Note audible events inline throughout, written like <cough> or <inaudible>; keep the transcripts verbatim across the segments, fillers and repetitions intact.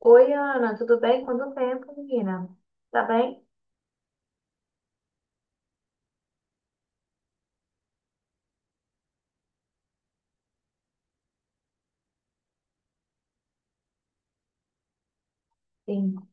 Oi, Ana, tudo bem? Quanto tempo, menina? Tá bem? Sim,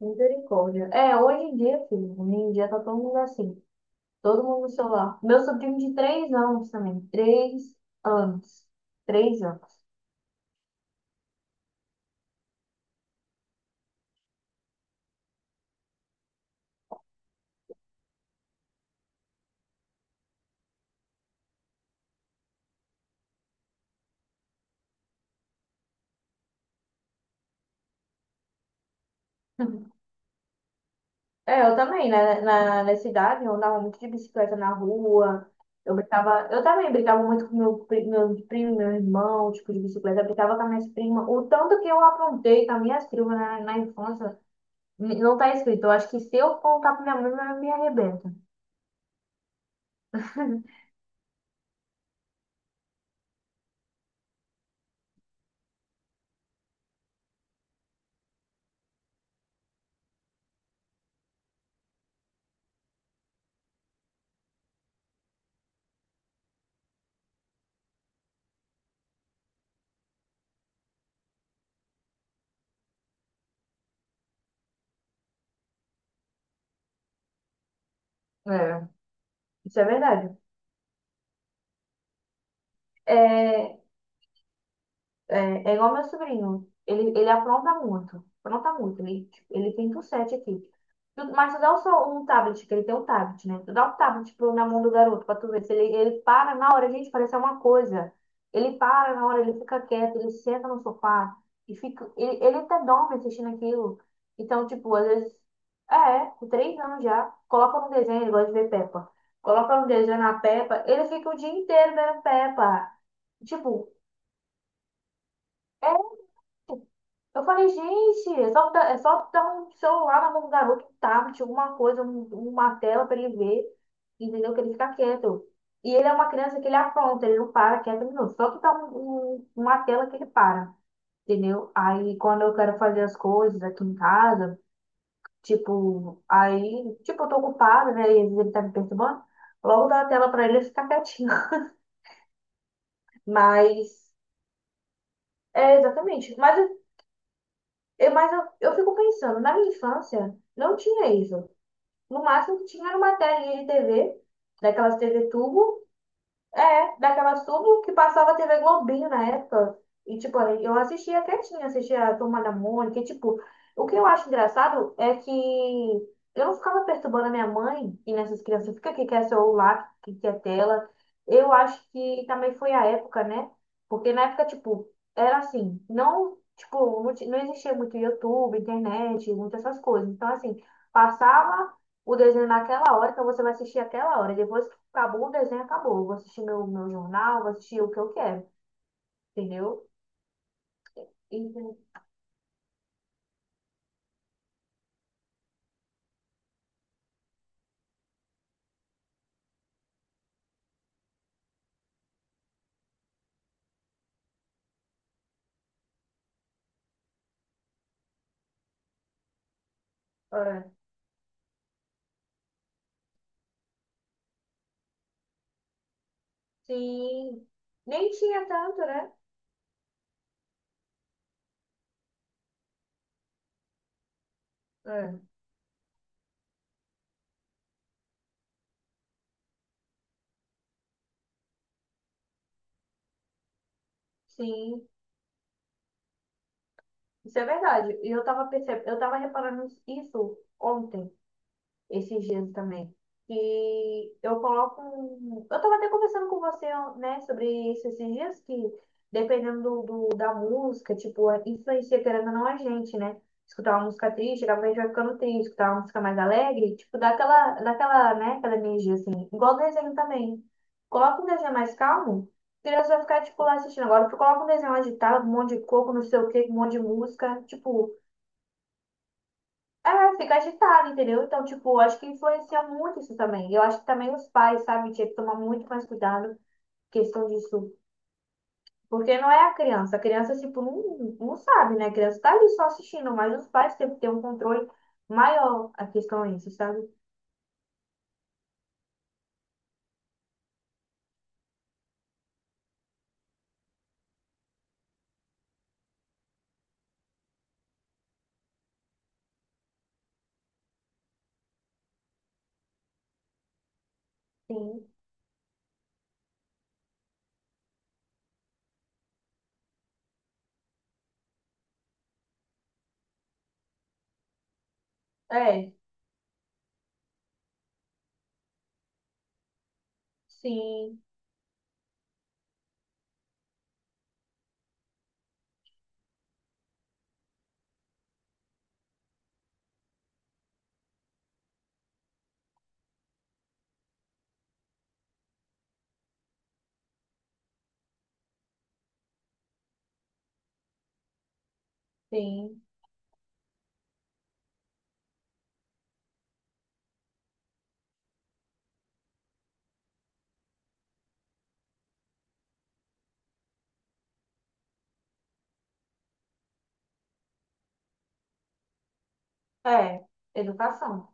misericórdia. É, hoje em dia, filho, hoje em dia tá todo mundo assim, todo mundo no celular. Meu sobrinho de três anos também, três anos, três anos. <laughs> É, eu também, né? Na, na cidade, eu andava muito de bicicleta na rua, eu brincava, eu também brincava muito com meu, pri- meu primo, meu irmão, tipo, de bicicleta, eu brincava com as minhas primas, o tanto que eu aprontei com as minhas primas na, na infância. Não tá escrito. Eu acho que se eu contar pra minha mãe, minha mãe me arrebenta. É, <laughs> isso é verdade. É, É, é igual meu sobrinho. Ele, ele apronta muito. Apronta muito. Ele, tipo, ele pinta o sete aqui. Tu- Mas tu dá o seu, um tablet, que ele tem um tablet, né? Tu dá o tablet pro, na mão do garoto pra tu ver se ele, ele para na hora, gente, parece uma coisa. Ele para na hora, ele fica quieto, ele senta no sofá e fica. Ele, ele até dorme assistindo aquilo. Então, tipo, às vezes. É, com três anos já. Coloca no desenho, ele gosta de ver Peppa. Coloca no desenho na Peppa, ele fica o dia inteiro vendo Peppa. Tipo. é eu falei, gente, é só, dar- é só dar um celular na mão do garoto, um tablet, alguma coisa, um- uma tela pra ele ver, entendeu? Que ele fica quieto. E ele é uma criança que ele apronta, ele não para quieto, não. Só que dá um- um- uma tela que ele para, entendeu? Aí quando eu quero fazer as coisas aqui em casa, tipo, aí, tipo, eu tô ocupada, né? E às vezes ele tá me perturbando, logo dá a tela pra ele e ficar quietinho. <laughs> Mas, é exatamente. Mas, eu, eu- mas eu, eu fico pensando, na minha infância, não tinha isso. No máximo que tinha era uma telinha de T V, daquelas T V tubo, é, daquela tudo que passava T V Globinho na época. E, tipo, eu assistia quietinha, assistia a Turma da Mônica. E, tipo, o que eu acho engraçado é que eu não ficava perturbando a minha mãe e nessas crianças, fica que quer celular, que quer tela. Eu acho que também foi a época, né? Porque na época, tipo, era assim, não, tipo, não, ti- não existia muito YouTube, internet, muitas essas coisas. Então, assim, passava o desenho naquela hora, então você vai assistir aquela hora. Depois acabou o desenho, acabou. Eu vou assistir meu, meu jornal, vou assistir o que eu quero, entendeu? E, é, sim, nem tinha tanto, né? É, sim, isso é verdade. E eu tava percebendo, eu tava reparando isso ontem, esses dias também. E eu coloco. um- Eu tava até conversando com você, né, sobre isso esses dias, que dependendo do, do- da música, tipo, a- influencia querendo ou não a gente, né? Escutar uma música triste, acaba a gente vai ficando triste, escutar uma música mais alegre, tipo, dá aquela, dá aquela, né, aquela energia assim. Igual o desenho também. Coloca um desenho mais calmo, a criança vai ficar, tipo, lá assistindo. Agora, tu coloca um desenho agitado, um monte de coco, não sei o quê, um monte de música, tipo. É, fica agitado, entendeu? Então, tipo, acho que influencia muito isso também. Eu acho que também os pais, sabe, tinha que tomar muito mais cuidado com questão disso. Porque não é a criança. A criança, tipo, não, não sabe, né? A criança tá ali só assistindo, mas os pais têm que ter um controle maior, a questão é isso, sabe? Sim. É, sim, sim. É, educação.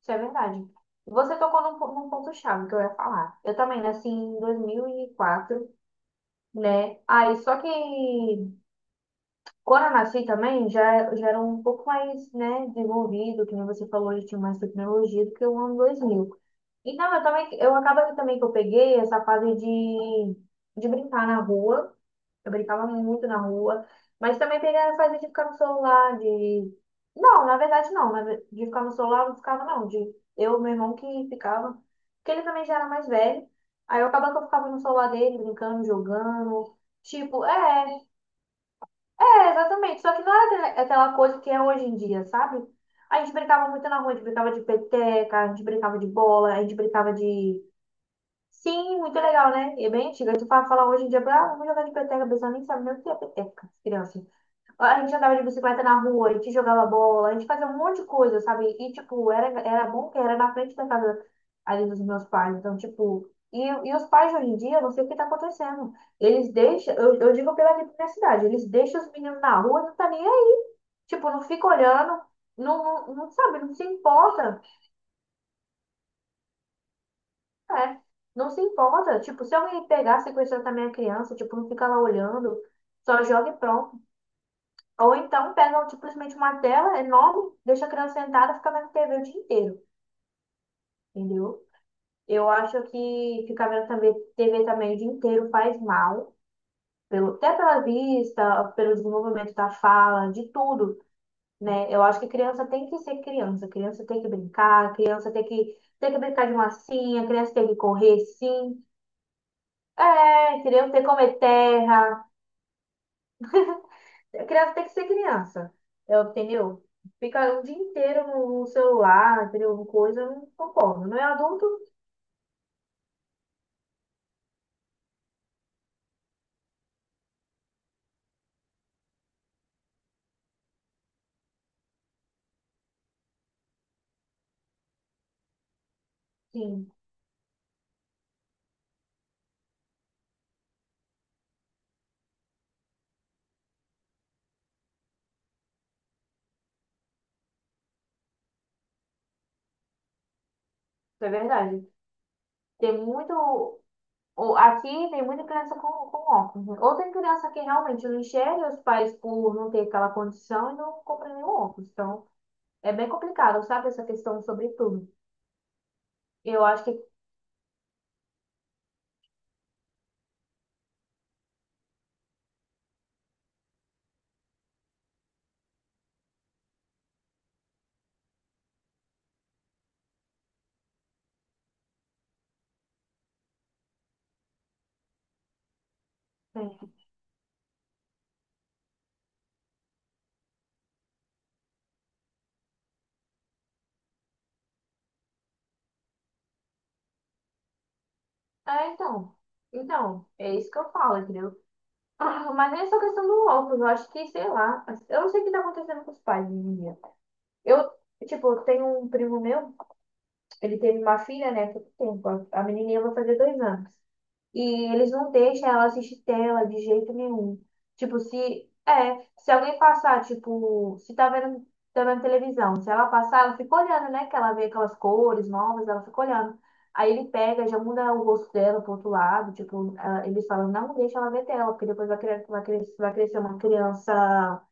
Isso é verdade. Você tocou num, po- num ponto-chave que eu ia falar. Eu também nasci em dois mil e quatro, né? Aí, só que Coranassi também já, já era um pouco mais, né, desenvolvido, que nem você falou, já tinha mais tecnologia do que o ano dois mil. Então, eu também, eu acaba que também que eu peguei essa fase de, de brincar na rua. Eu brincava muito na rua, mas também peguei a fase de ficar no celular, de... Não, na verdade não, na ve- de ficar no celular eu não ficava não, de eu, meu irmão que ficava, porque ele também já era mais velho. Aí eu acabava que eu ficava no celular dele, brincando, jogando, tipo, é, é, exatamente. Só que não era aquela aquela coisa que é hoje em dia, sabe? A gente brincava muito na rua, a gente brincava de peteca, a gente brincava de bola, a gente brincava de. Sim, muito legal, né? E é bem antiga. Tu fala, fala hoje em dia, ah, vamos jogar de peteca, a pessoa nem sabe nem o que é peteca, criança. A gente andava de bicicleta na rua, a gente jogava bola, a gente fazia um monte de coisa, sabe? E, tipo, era, era bom que era na frente da casa ali dos meus pais. Então, tipo, e, e os pais de hoje em dia, eu não sei o que tá acontecendo. Eles deixam, eu, eu digo pela aqui da cidade, eles deixam os meninos na rua, não tá nem aí. Tipo, não fica olhando, não, não, não sabe, não se importa. É, não se importa. Tipo, se alguém pegar, sequestrar também a criança, tipo, não fica lá olhando, só joga e pronto. Ou então pegam tipo, simplesmente uma tela enorme, deixa a criança sentada e fica vendo T V o dia inteiro, entendeu? Eu acho que ficar vendo também T V também o dia inteiro faz mal, pelo, até pela vista, pelo desenvolvimento da fala, de tudo, né? Eu acho que criança tem que ser criança, criança tem que brincar, criança tem que, tem que brincar de massinha, criança tem que correr sim, é, entendeu? Tem que comer terra, criança tem que ser criança, eu, entendeu? Ficar o dia inteiro no no celular, entendeu? No Coisa, eu não concordo. Não é adulto? Sim, isso é verdade. Tem muito. o- Aqui tem muita criança com, com óculos, né? Ou tem criança que realmente não enxerga os pais por não ter aquela condição e não compra nenhum óculos. Então, é bem complicado, sabe? Essa questão sobre tudo. Eu acho que. É, então. Então, é isso que eu falo, entendeu? Ah, mas nem essa questão do óculos, eu acho que, sei lá, eu não sei o que tá acontecendo com os pais hoje em dia. Eu, tipo, eu tenho um primo meu, ele teve uma filha, né, há pouco tempo, a a menininha vai fazer dois anos. E eles não deixam ela assistir tela de jeito nenhum. Tipo, se é, se alguém passar, tipo, se tá vendo, tá vendo televisão, se ela passar, ela fica olhando, né? Que ela vê aquelas cores novas, ela fica olhando. Aí ele pega, já muda o rosto dela pro outro lado, tipo, ela- eles falam, não deixa ela ver tela, porque depois vai cre- vai cre- vai crescer uma criança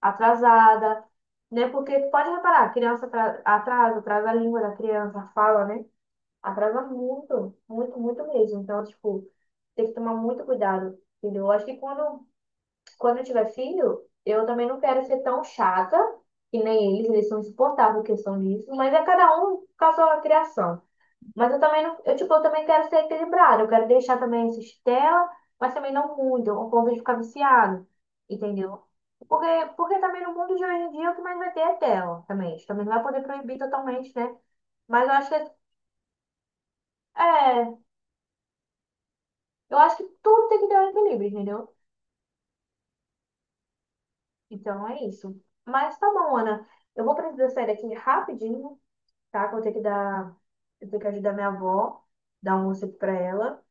atrasada, né? Porque pode reparar, criança atra- atrasa, atrasa a língua da criança, a fala, né? Atrasa muito, muito, muito mesmo. Então, tipo, tem que tomar muito cuidado, entendeu? Eu acho que quando, Quando eu tiver filho, eu também não quero ser tão chata, que nem eles, eles são insuportáveis em questão disso, mas é cada um com a sua criação. Mas eu também não, eu, tipo, eu também quero ser equilibrada, eu quero deixar também assistir tela, mas também não muito, ao ponto de ficar viciado, entendeu? Porque, Porque também no mundo de hoje em dia o que mais vai ter é tela também. A gente também não vai poder proibir totalmente, né? Mas eu acho que é, Eu acho que tudo tem que ter um equilíbrio, entendeu? Então é isso. Mas tá bom, Ana. Eu vou precisar sair daqui rapidinho, tá? Que eu vou ter que dar. Eu tenho que ajudar minha avó, dar um almoço aqui pra ela,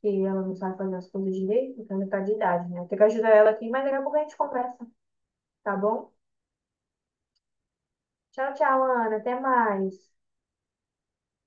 que ela não sabe fazer as coisas direito, então ela tá de idade, né? Eu tenho que ajudar ela aqui, mas daqui a pouco a gente conversa, tá bom? Tchau, tchau, Ana. Até mais.